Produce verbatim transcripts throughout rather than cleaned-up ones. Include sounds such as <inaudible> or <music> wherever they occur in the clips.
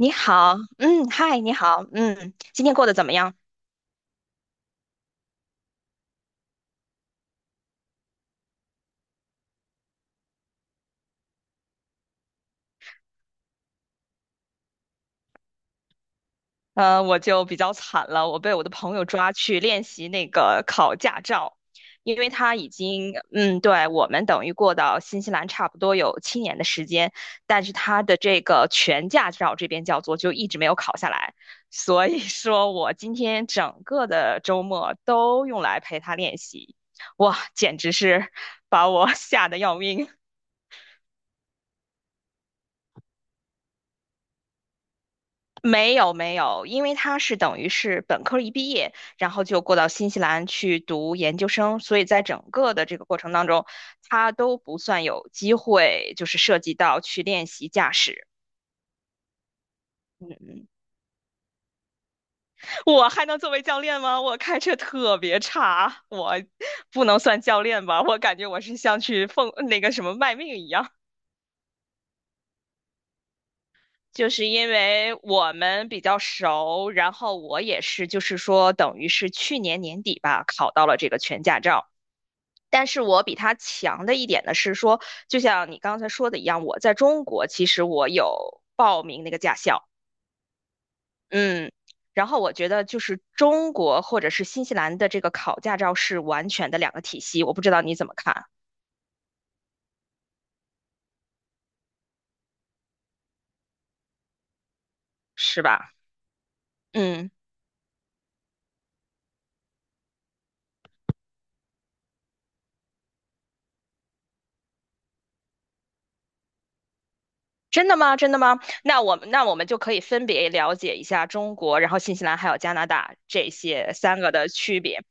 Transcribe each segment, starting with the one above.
你好，嗯，嗨，你好，嗯，今天过得怎么样？呃，我就比较惨了，我被我的朋友抓去练习那个考驾照，因为他已经，嗯，对，我们等于过到新西兰差不多有七年的时间，但是他的这个全驾照这边叫做就一直没有考下来，所以说我今天整个的周末都用来陪他练习，哇，简直是把我 <laughs> 吓得要命。没有没有，因为他是等于是本科一毕业，然后就过到新西兰去读研究生，所以在整个的这个过程当中，他都不算有机会，就是涉及到去练习驾驶。嗯嗯，我还能作为教练吗？我开车特别差，我不能算教练吧？我感觉我是像去奉那个什么卖命一样。<laughs> 就是因为我们比较熟，然后我也是，就是说等于是去年年底吧，考到了这个全驾照。但是我比他强的一点呢是说，就像你刚才说的一样，我在中国其实我有报名那个驾校，嗯，然后我觉得就是中国或者是新西兰的这个考驾照是完全的两个体系，我不知道你怎么看，是吧？嗯。真的吗？真的吗？那我们那我们就可以分别了解一下中国，然后新西兰还有加拿大这些三个的区别。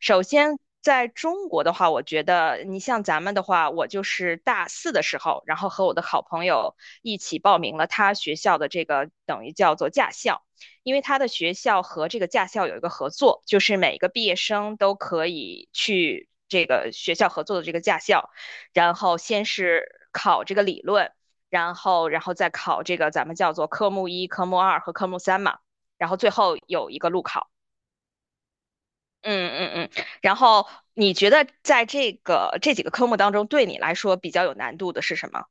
首先，在中国的话，我觉得你像咱们的话，我就是大四的时候，然后和我的好朋友一起报名了他学校的这个等于叫做驾校，因为他的学校和这个驾校有一个合作，就是每个毕业生都可以去这个学校合作的这个驾校，然后先是考这个理论。然后然后再考这个咱们叫做科目一、科目二和科目三嘛，然后最后有一个路考。嗯嗯嗯，然后你觉得在这个这几个科目当中，对你来说比较有难度的是什么？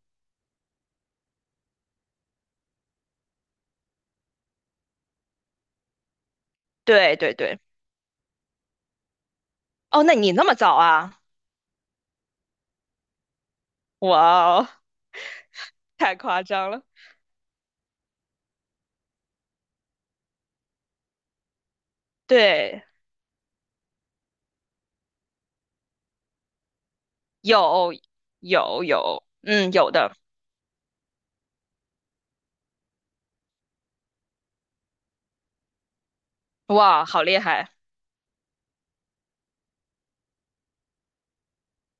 对对对，哦，那你那么早啊？哇哦，太夸张了。对，有有有，嗯，有的，哇，好厉害，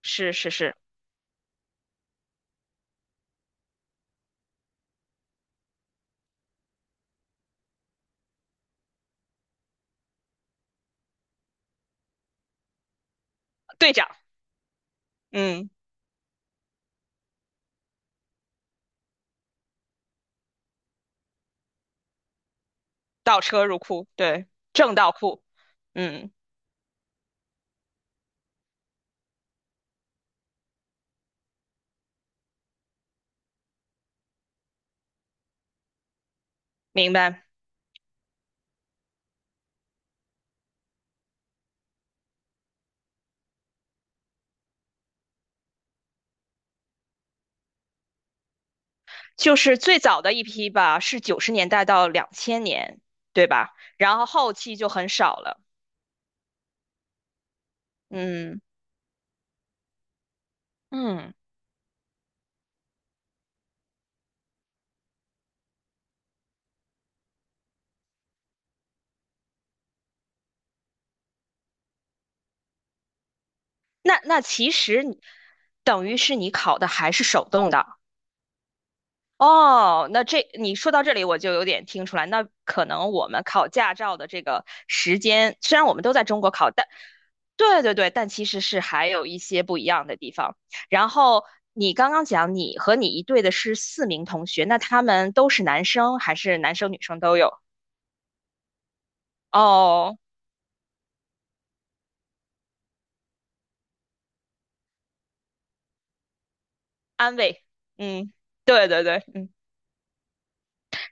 是是是，队长，嗯，倒车入库，对，正倒库，嗯，明白。就是最早的一批吧，是九十年代到两千年，对吧？然后后期就很少了。嗯嗯，那那其实你等于是你考的还是手动的。哦，那这你说到这里，我就有点听出来，那可能我们考驾照的这个时间，虽然我们都在中国考，但对对对，但其实是还有一些不一样的地方。然后你刚刚讲你和你一队的是四名同学，那他们都是男生还是男生女生都有？哦，安慰，嗯，对对对，嗯。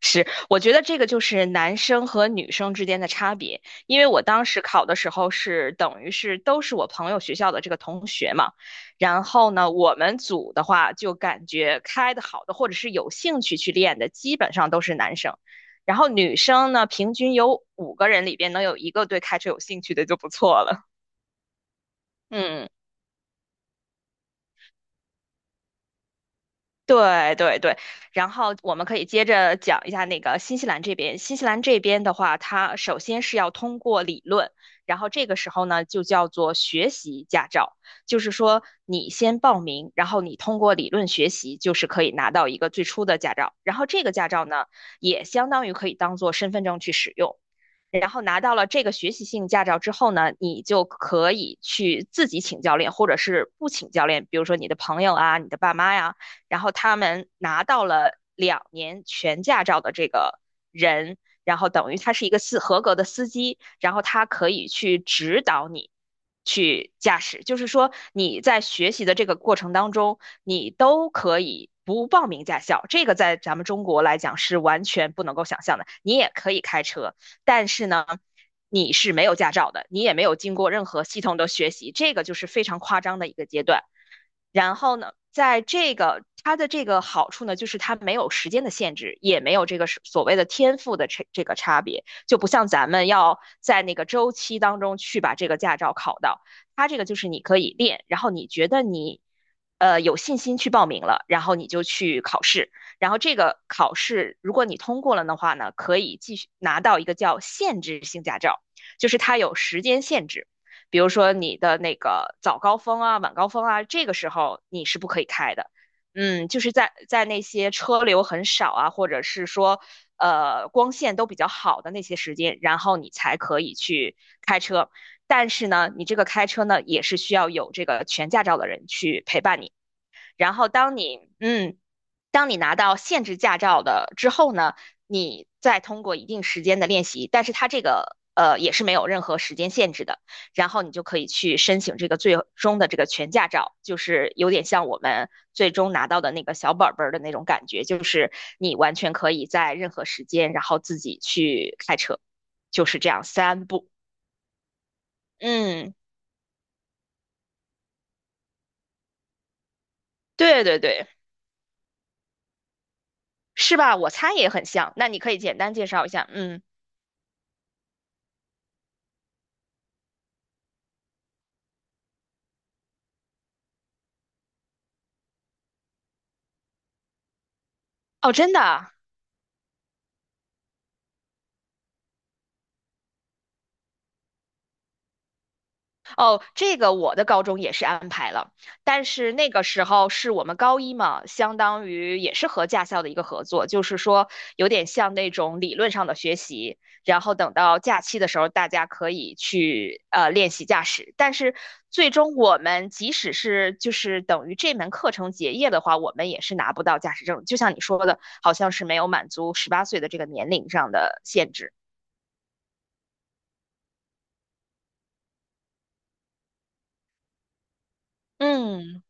是，我觉得这个就是男生和女生之间的差别，因为我当时考的时候是等于是都是我朋友学校的这个同学嘛，然后呢，我们组的话就感觉开的好的或者是有兴趣去练的，基本上都是男生，然后女生呢，平均有五个人里边能有一个对开车有兴趣的就不错了，嗯。对对对，然后我们可以接着讲一下那个新西兰这边。新西兰这边的话，它首先是要通过理论，然后这个时候呢就叫做学习驾照，就是说你先报名，然后你通过理论学习，就是可以拿到一个最初的驾照。然后这个驾照呢，也相当于可以当做身份证去使用。然后拿到了这个学习性驾照之后呢，你就可以去自己请教练，或者是不请教练，比如说你的朋友啊、你的爸妈呀。然后他们拿到了两年全驾照的这个人，然后等于他是一个司合格的司机，然后他可以去指导你去驾驶，就是说你在学习的这个过程当中，你都可以。不报名驾校，这个在咱们中国来讲是完全不能够想象的。你也可以开车，但是呢，你是没有驾照的，你也没有经过任何系统的学习，这个就是非常夸张的一个阶段。然后呢，在这个它的这个好处呢，就是它没有时间的限制，也没有这个是所谓的天赋的这这个差别，就不像咱们要在那个周期当中去把这个驾照考到。它这个就是你可以练，然后你觉得你呃有信心去报名了，然后你就去考试，然后这个考试如果你通过了的话呢，可以继续拿到一个叫限制性驾照，就是它有时间限制。比如说你的那个早高峰啊、晚高峰啊，这个时候你是不可以开的。嗯，就是在在那些车流很少啊，或者是说呃光线都比较好的那些时间，然后你才可以去开车。但是呢，你这个开车呢，也是需要有这个全驾照的人去陪伴你。然后当你嗯当你拿到限制驾照的之后呢，你再通过一定时间的练习，但是它这个呃也是没有任何时间限制的，然后你就可以去申请这个最终的这个全驾照，就是有点像我们最终拿到的那个小本本的那种感觉，就是你完全可以在任何时间，然后自己去开车，就是这样三步。嗯，对对对，是吧？我猜也很像。那你可以简单介绍一下。嗯，哦，真的啊哦，这个我的高中也是安排了，但是那个时候是我们高一嘛，相当于也是和驾校的一个合作，就是说有点像那种理论上的学习，然后等到假期的时候，大家可以去呃练习驾驶。但是最终我们即使是就是等于这门课程结业的话，我们也是拿不到驾驶证，就像你说的，好像是没有满足十八岁的这个年龄上的限制。嗯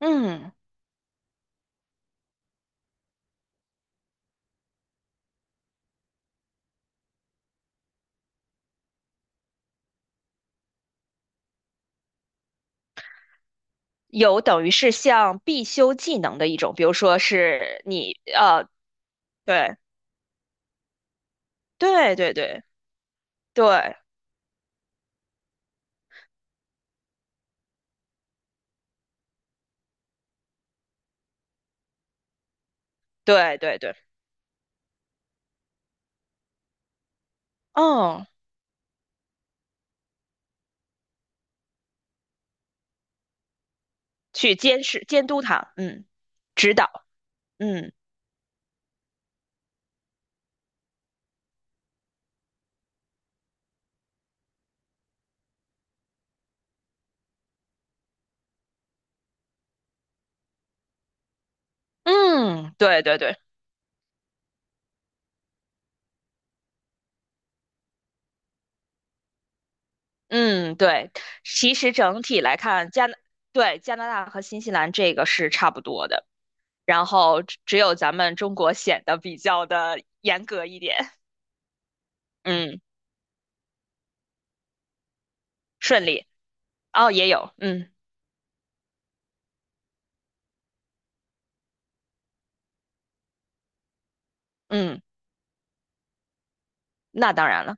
嗯。有等于是像必修技能的一种，比如说是你呃，对对对对对对对对，嗯，去监视监督他，嗯，指导，嗯嗯，对对对，嗯对，其实整体来看，加拿对加拿大和新西兰这个是差不多的，然后只只有咱们中国显得比较的严格一点，嗯，顺利，哦，也有，嗯嗯，那当然了。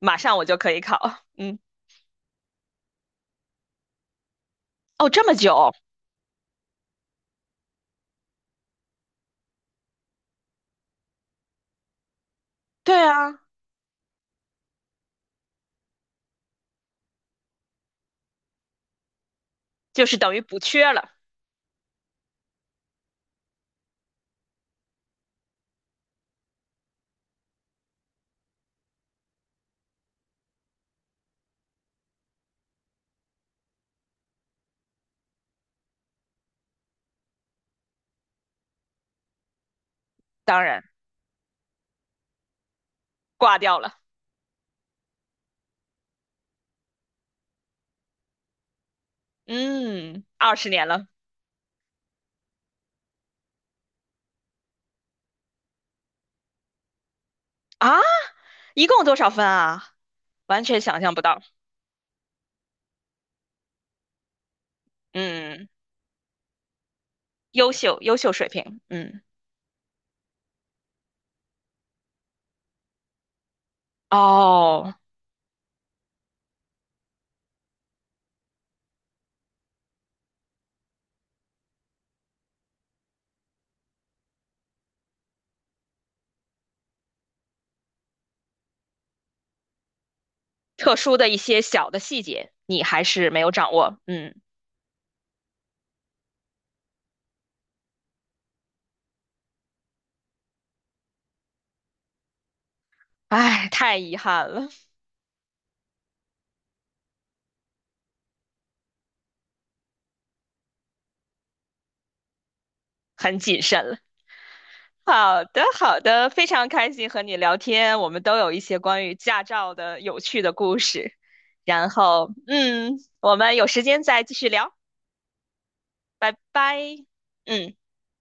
马上我就可以考。嗯，哦，这么久？对啊，就是等于补缺了，当然挂掉了。嗯，二十年了啊，一共多少分啊？完全想象不到。嗯，优秀，优秀水平。嗯，哦，特殊的一些小的细节，你还是没有掌握。嗯，唉，太遗憾了，很谨慎了。好的，好的，非常开心和你聊天，我们都有一些关于驾照的有趣的故事。然后，嗯，我们有时间再继续聊，拜拜。嗯。